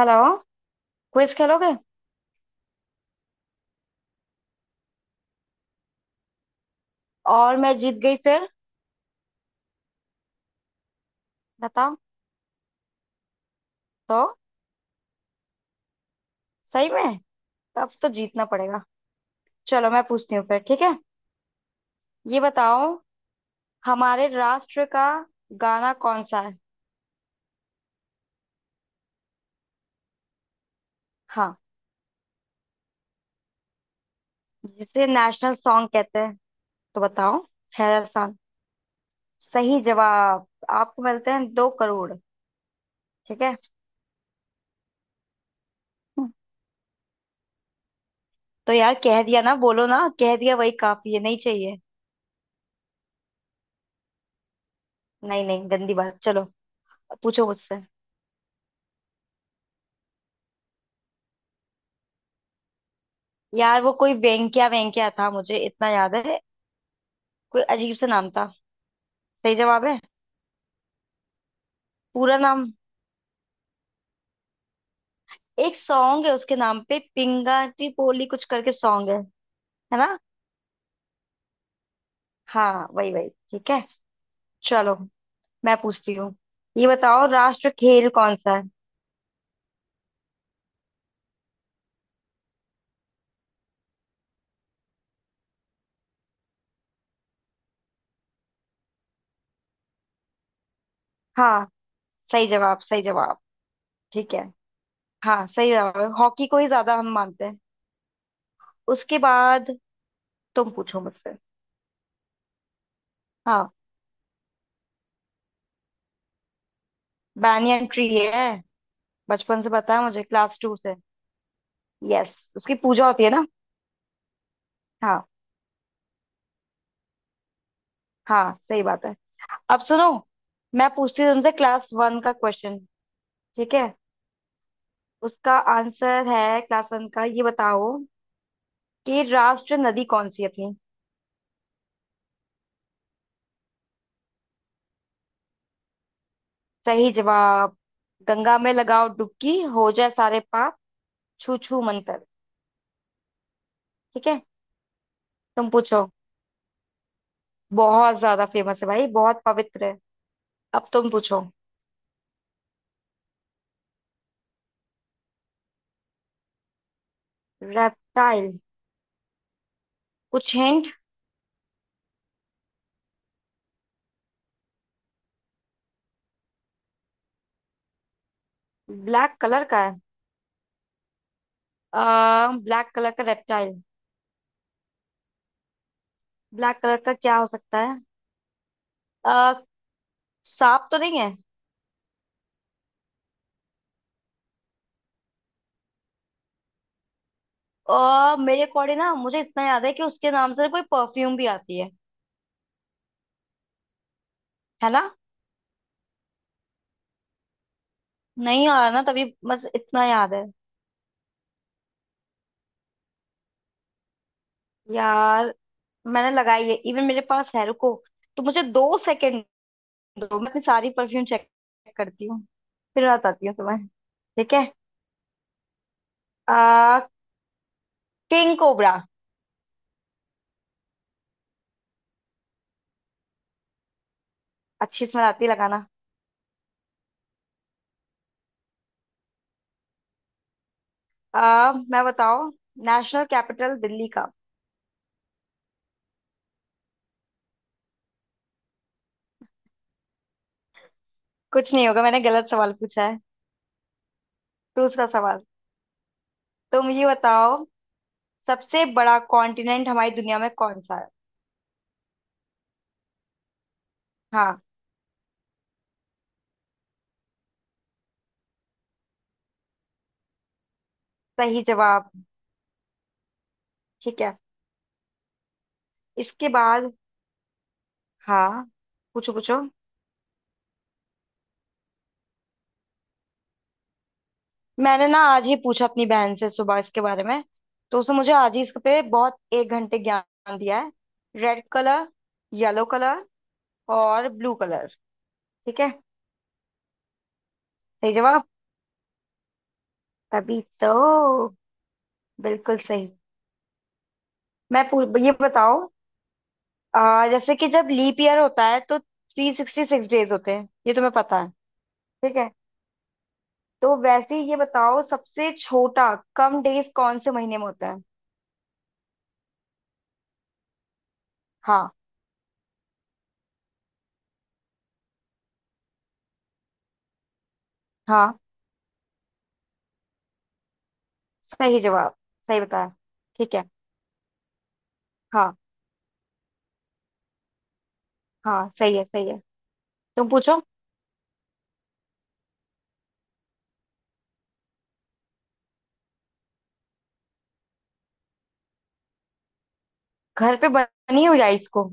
Hello. Quiz खेलोगे? और मैं जीत गई फिर, बताओ। तो सही में तब तो जीतना पड़ेगा। चलो मैं पूछती हूँ फिर, ठीक है। ये बताओ, हमारे राष्ट्र का गाना कौन सा है? हाँ, जिसे नेशनल सॉन्ग कहते हैं, तो बताओ। है आसान। सही जवाब आपको मिलते हैं 2 करोड़। ठीक है। हम्म, तो यार, कह दिया ना, बोलो ना, कह दिया वही काफी है, नहीं चाहिए। नहीं नहीं, गंदी बात। चलो, पूछो मुझसे। यार वो कोई वेंक्या वेंक्या था, मुझे इतना याद है। कोई अजीब सा नाम था। सही जवाब है पूरा नाम। एक सॉन्ग है उसके नाम पे, पिंगाटी पोली कुछ करके सॉन्ग है ना? हाँ वही वही, ठीक है। चलो मैं पूछती हूँ। ये बताओ, राष्ट्र खेल कौन सा है? हाँ, सही जवाब, सही जवाब। ठीक है। हाँ सही जवाब है, हॉकी को ही ज्यादा हम मानते हैं। उसके बाद तुम पूछो मुझसे। हाँ, बनियन ट्री है, बचपन से पता है मुझे क्लास 2 से। यस, उसकी पूजा होती है ना? हाँ, हाँ सही बात है। अब सुनो, मैं पूछती हूँ तुमसे क्लास 1 का क्वेश्चन। ठीक है, उसका आंसर है क्लास 1 का। ये बताओ कि राष्ट्र नदी कौन सी है अपनी। सही जवाब। गंगा में लगाओ डुबकी, हो जाए सारे पाप छू छू मंतर। ठीक है, तुम पूछो। बहुत ज्यादा फेमस है भाई, बहुत पवित्र है। अब तुम पूछो। रेप्टाइल? कुछ हिंट? ब्लैक कलर का है? ब्लैक कलर का रेप्टाइल, ब्लैक कलर का क्या हो सकता है? अ, सांप तो नहीं है? और मेरे अकॉर्डिंग ना, मुझे इतना याद है कि उसके नाम से कोई परफ्यूम भी आती है ना? नहीं आ रहा ना, तभी बस इतना याद है। यार मैंने लगाई है, इवन मेरे पास है, रुको। तो मुझे 2 सेकंड दो, मैं अपनी सारी परफ्यूम चेक करती हूँ, फिर बताती हूँ तुम्हें। ठीक है। आ, किंग कोबरा। अच्छी स्मेल आती है लगाना। आ, मैं बताओ, नेशनल कैपिटल दिल्ली का? कुछ नहीं होगा, मैंने गलत सवाल पूछा है। दूसरा सवाल, तुम ये बताओ, सबसे बड़ा कॉन्टिनेंट हमारी दुनिया में कौन सा है? हाँ, सही जवाब। ठीक है, इसके बाद। हाँ, पूछो पूछो। मैंने ना आज ही पूछा अपनी बहन से सुबह इसके बारे में, तो उसने मुझे आज ही इसके पे बहुत 1 घंटे ज्ञान दिया है। रेड कलर, येलो कलर और ब्लू कलर। ठीक है, सही जवाब। तभी तो। बिल्कुल सही। मैं पूछ ये बताओ, जैसे कि जब लीप ईयर होता है तो 366 डेज होते हैं, ये तुम्हें पता है। ठीक है, तो वैसे ही ये बताओ, सबसे छोटा कम डेज कौन से महीने में होता है? हाँ, हाँ सही जवाब, सही बताया। ठीक है, हाँ हाँ सही है, सही है। तुम पूछो। घर पे बनी हुई आइस को?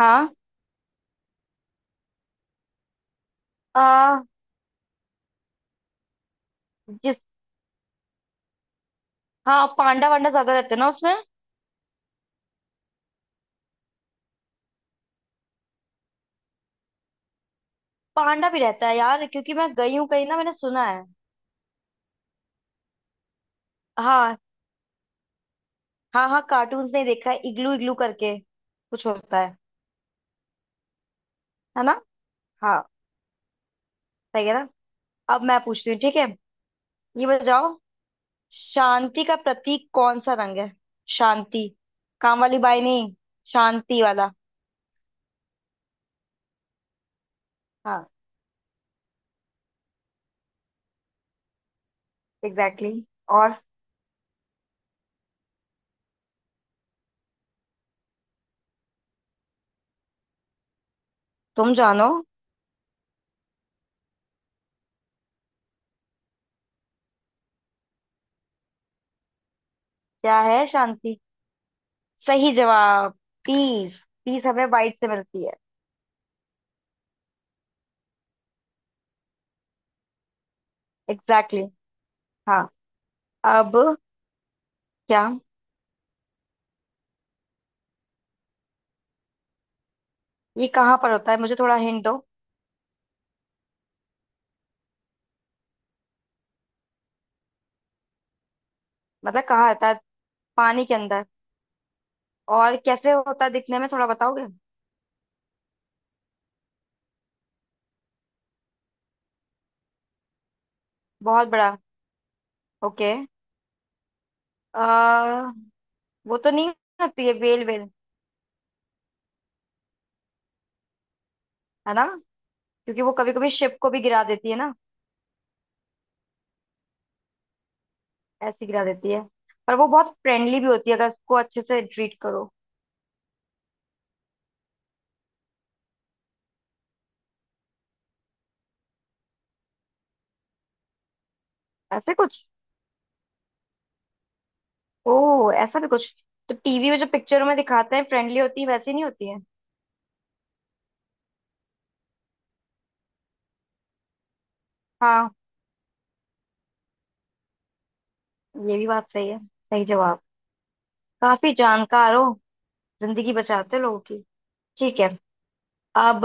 हाँ। आ, जिस, हाँ पांडा वांडा ज्यादा रहते हैं ना उसमें? पांडा भी रहता है यार, क्योंकि मैं गई हूँ कहीं ना, मैंने सुना है। हाँ, हाँ हाँ कार्टून्स में देखा है, इग्लू इग्लू करके कुछ होता है ना? हाँ, सही है ना? अब मैं पूछती हूँ, ठीक है। ये बताओ, शांति का प्रतीक कौन सा रंग है? शांति, काम वाली बाई नहीं, शांति वाला। हाँ, एग्जैक्टली exactly। और, तुम जानो। क्या है शांति? सही जवाब, पीस। पीस हमें वाइट से मिलती है। Exactly exactly। हाँ, अब क्या? ये कहाँ पर होता है, मुझे थोड़ा हिंट दो। मतलब कहाँ रहता है? पानी के अंदर? और कैसे होता है दिखने में, थोड़ा बताओगे? बहुत बड़ा? ओके। आ, वो तो नहीं होती है, वेल वेल? है ना, क्योंकि वो कभी कभी शिप को भी गिरा देती है ना। ऐसे गिरा देती है। पर वो बहुत फ्रेंडली भी होती है अगर उसको अच्छे से ट्रीट करो। ऐसे कुछ? ओ ऐसा भी कुछ? तो टीवी में जो पिक्चरों में दिखाते हैं फ्रेंडली होती है, वैसी नहीं होती है। हाँ, ये भी बात सही है, सही जवाब। काफी जानकार हो, जिंदगी बचाते हो लोगों की। ठीक है। अब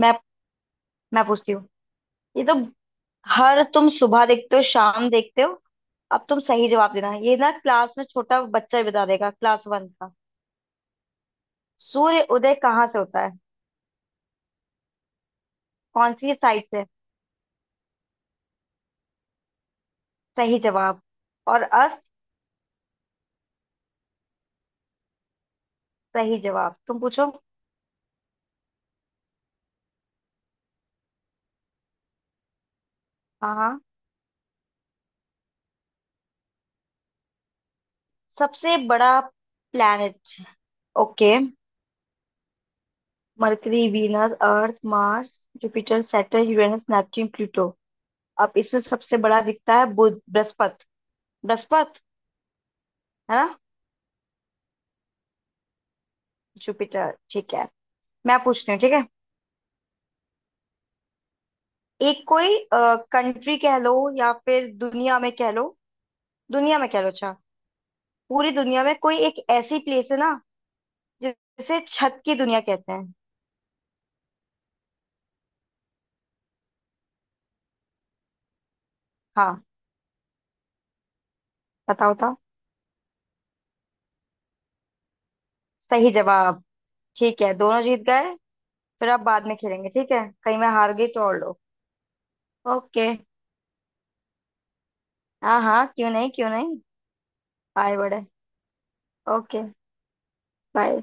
मैं मैं पूछती हूँ। ये तो हर, तुम सुबह देखते हो, शाम देखते हो। अब तुम सही जवाब देना, ये ना क्लास में छोटा बच्चा ही बता देगा, क्लास 1 का। सूर्य उदय कहाँ से होता है? कौन सी साइड से? सही जवाब। और अस्त? सही जवाब। तुम पूछो। हाँ हाँ, सबसे बड़ा planet. Okay. Mercury, Venus, Earth, Mars, Jupiter, Saturn, Uranus, Neptune, Pluto. अब इसमें सबसे बड़ा दिखता है, बुध, बृहस्पति। बृहस्पति, है ना? जुपिटर, ठीक है। मैं पूछती हूँ, ठीक है। एक कोई कंट्री कह लो, या फिर दुनिया में कह लो। दुनिया में कह लो, अच्छा। पूरी दुनिया में कोई एक ऐसी प्लेस है ना, जिसे छत की दुनिया कहते हैं। हाँ, बताओ था। सही जवाब। ठीक है, दोनों जीत गए। फिर आप बाद में खेलेंगे, ठीक है? कहीं मैं हार गई तो और लो। ओके। हाँ हाँ, क्यों नहीं क्यों नहीं। आए बड़े। Okay bye.